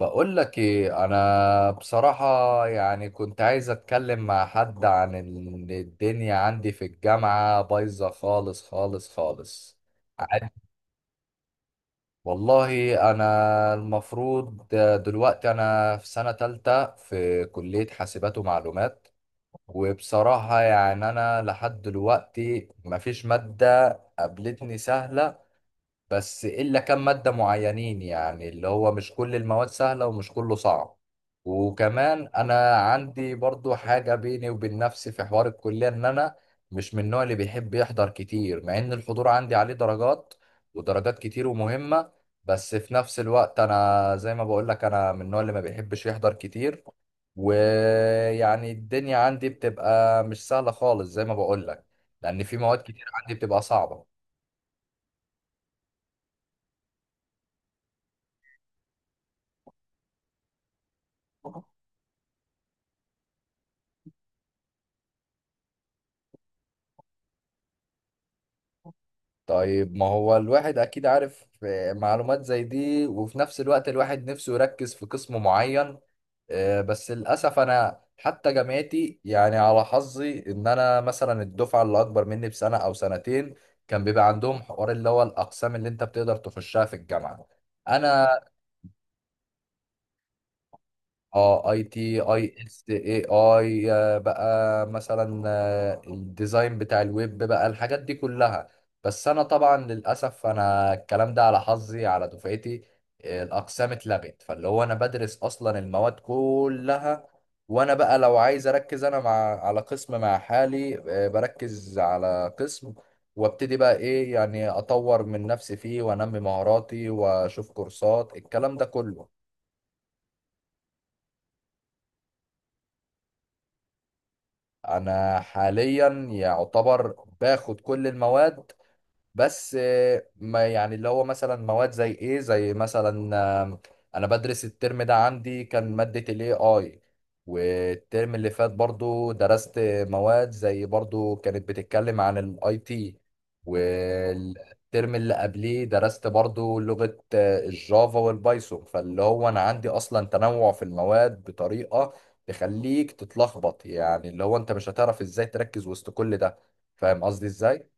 بقول لك ايه انا بصراحة. يعني كنت عايز اتكلم مع حد عن ان الدنيا عندي في الجامعة بايظة خالص خالص خالص. عاد- والله انا المفروض دلوقتي انا في سنة تالتة في كلية حاسبات ومعلومات. وبصراحة يعني انا لحد دلوقتي مفيش مادة قابلتني سهلة، بس إلا كم مادة معينين يعني اللي هو مش كل المواد سهلة ومش كله صعب. وكمان أنا عندي برضو حاجة بيني وبين نفسي في حوار الكلية إن أنا مش من النوع اللي بيحب يحضر كتير، مع إن الحضور عندي عليه درجات ودرجات كتير ومهمة. بس في نفس الوقت أنا زي ما بقولك أنا من النوع اللي ما بيحبش يحضر كتير، ويعني الدنيا عندي بتبقى مش سهلة خالص زي ما بقولك، لأن في مواد كتير عندي بتبقى صعبة. طيب ما هو الواحد اكيد عارف معلومات زي دي، وفي نفس الوقت الواحد نفسه يركز في قسم معين. بس للاسف انا حتى جامعتي يعني على حظي ان انا مثلا الدفعه اللي اكبر مني بسنه او سنتين كان بيبقى عندهم حوار اللي هو الاقسام اللي انت بتقدر تخشها في الجامعه. انا اه اي تي اي اس اي اي بقى مثلا الديزاين بتاع الويب بقى الحاجات دي كلها. بس انا طبعا للاسف انا الكلام ده على حظي على دفعتي، الاقسام اتلغت فاللي هو انا بدرس اصلا المواد كلها. وانا بقى لو عايز اركز انا مع على قسم مع حالي، بركز على قسم وابتدي بقى ايه يعني اطور من نفسي فيه وانمي مهاراتي واشوف كورسات الكلام ده كله. انا حاليا يعتبر باخد كل المواد، بس ما يعني اللي هو مثلا مواد زي ايه زي مثلا، آم، انا بدرس الترم ده عندي كان مادة الاي اي، والترم اللي فات برضو درست مواد زي برضو كانت بتتكلم عن الاي تي. والترم اللي قبليه درست برضو لغة الجافا والبايثون، فاللي هو انا عندي اصلا تنوع في المواد بطريقة تخليك تتلخبط، يعني اللي هو انت مش هتعرف ازاي تركز وسط كل ده. فاهم قصدي ازاي؟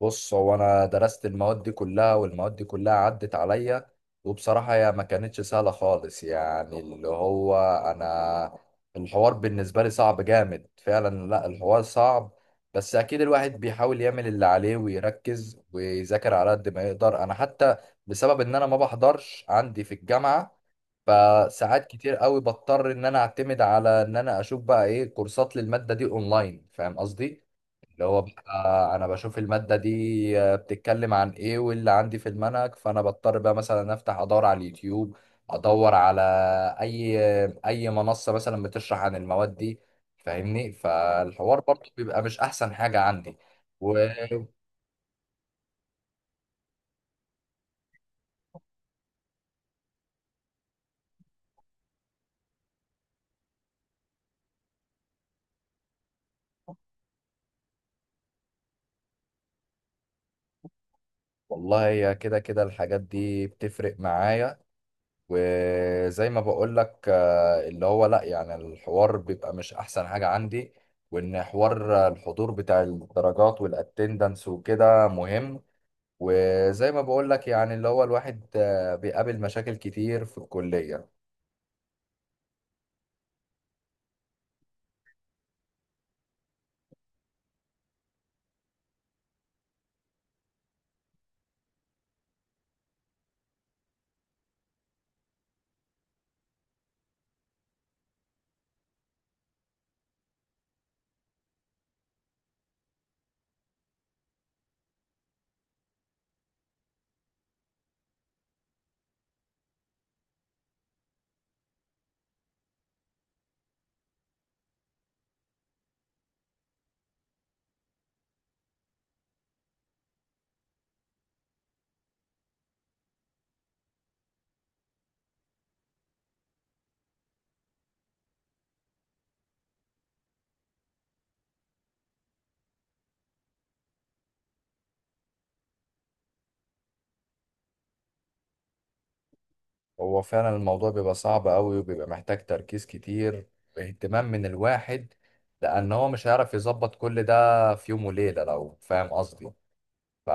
بص هو انا درست المواد دي كلها والمواد دي كلها عدت عليا، وبصراحة هي ما كانتش سهلة خالص يعني اللي هو انا الحوار بالنسبة لي صعب جامد فعلا، لا الحوار صعب. بس اكيد الواحد بيحاول يعمل اللي عليه ويركز ويذاكر على قد ما يقدر. انا حتى بسبب ان انا ما بحضرش عندي في الجامعة، فساعات كتير قوي بضطر ان انا اعتمد على ان انا اشوف بقى ايه كورسات للمادة دي اونلاين، فاهم قصدي. اللي هو بقى انا بشوف المادة دي بتتكلم عن ايه واللي عندي في المنهج، فانا بضطر بقى مثلا افتح ادور على اليوتيوب، ادور على اي اي منصة مثلا بتشرح عن المواد دي، فاهمني. فالحوار برضه بيبقى مش احسن حاجة عندي. و... والله هي كده كده الحاجات دي بتفرق معايا. وزي ما بقول لك اللي هو لا يعني الحوار بيبقى مش احسن حاجة عندي، وان حوار الحضور بتاع الدرجات والاتندنس وكده مهم. وزي ما بقول لك يعني اللي هو الواحد بيقابل مشاكل كتير في الكلية. هو فعلا الموضوع بيبقى صعب قوي وبيبقى محتاج تركيز كتير واهتمام من الواحد، لان هو مش هيعرف يظبط كل ده في يوم وليلة لو فاهم قصدي. ف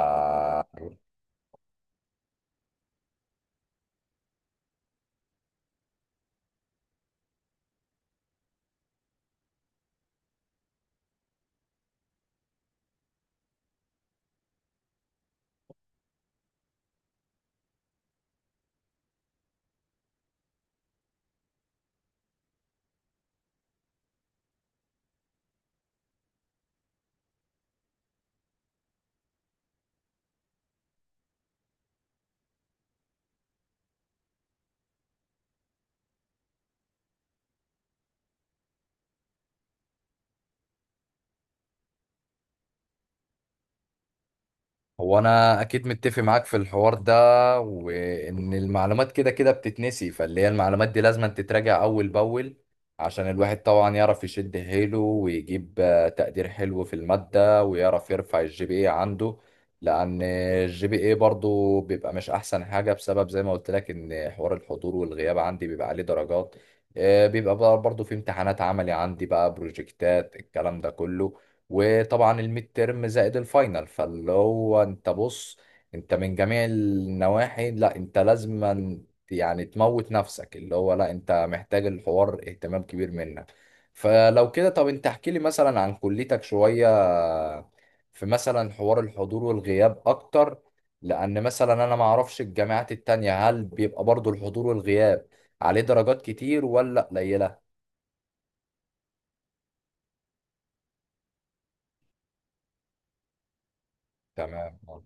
هو انا اكيد متفق معاك في الحوار ده، وان المعلومات كده كده بتتنسي، فاللي هي المعلومات دي لازم تتراجع اول باول عشان الواحد طبعا يعرف يشد حيله ويجيب تقدير حلو في المادة ويعرف يرفع الجي بي اي عنده. لان الجي بي اي برضو بيبقى مش احسن حاجة بسبب زي ما قلت لك ان حوار الحضور والغياب عندي بيبقى عليه درجات. بيبقى برضو في امتحانات عملي عندي بقى بروجكتات الكلام ده كله، وطبعا الميد تيرم زائد الفاينل. فاللي هو انت بص، انت من جميع النواحي لا انت لازما يعني تموت نفسك، اللي هو لا انت محتاج الحوار اهتمام كبير منك. فلو كده طب انت احكي لي مثلا عن كليتك شوية، في مثلا حوار الحضور والغياب اكتر، لان مثلا انا ما اعرفش الجامعات التانية هل بيبقى برضو الحضور والغياب عليه درجات كتير ولا قليلة. تمام اه.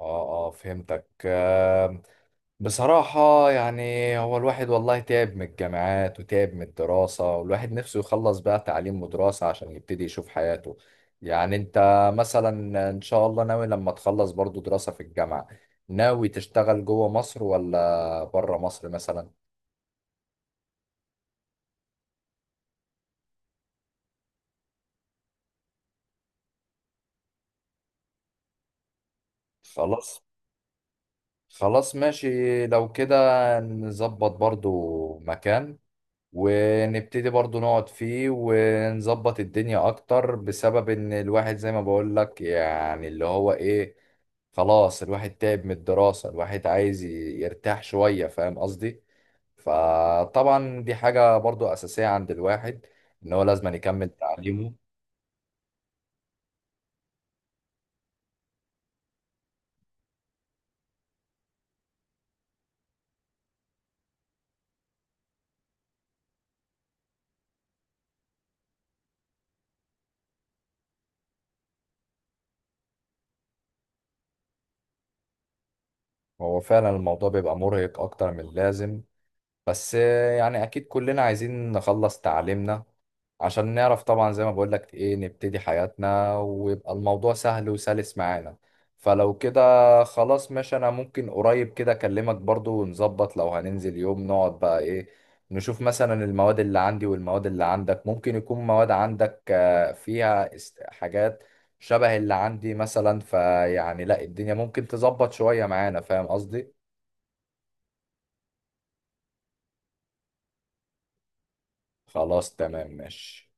اه فهمتك. بصراحة يعني هو الواحد والله تعب من الجامعات وتعب من الدراسة، والواحد نفسه يخلص بقى تعليم ودراسة عشان يبتدي يشوف حياته. يعني انت مثلا ان شاء الله ناوي لما تخلص برضو دراسة في الجامعة، ناوي تشتغل جوه مصر ولا بره مصر مثلا؟ خلاص. خلاص ماشي لو كده، نظبط برضو مكان ونبتدي برضو نقعد فيه ونظبط الدنيا اكتر، بسبب ان الواحد زي ما بقول لك يعني اللي هو ايه، خلاص الواحد تعب من الدراسة، الواحد عايز يرتاح شوية فاهم قصدي. فطبعا دي حاجة برضو اساسية عند الواحد ان هو لازم يكمل تعليمه. هو فعلا الموضوع بيبقى مرهق اكتر من اللازم، بس يعني اكيد كلنا عايزين نخلص تعليمنا عشان نعرف طبعا زي ما بقولك ايه نبتدي حياتنا ويبقى الموضوع سهل وسلس معانا. فلو كده خلاص ماشي، انا ممكن قريب كده اكلمك برضو ونظبط لو هننزل يوم نقعد بقى ايه، نشوف مثلا المواد اللي عندي والمواد اللي عندك، ممكن يكون مواد عندك فيها حاجات شبه اللي عندي مثلا، فيعني لا الدنيا ممكن تظبط شوية معانا فاهم قصدي. خلاص تمام ماشي.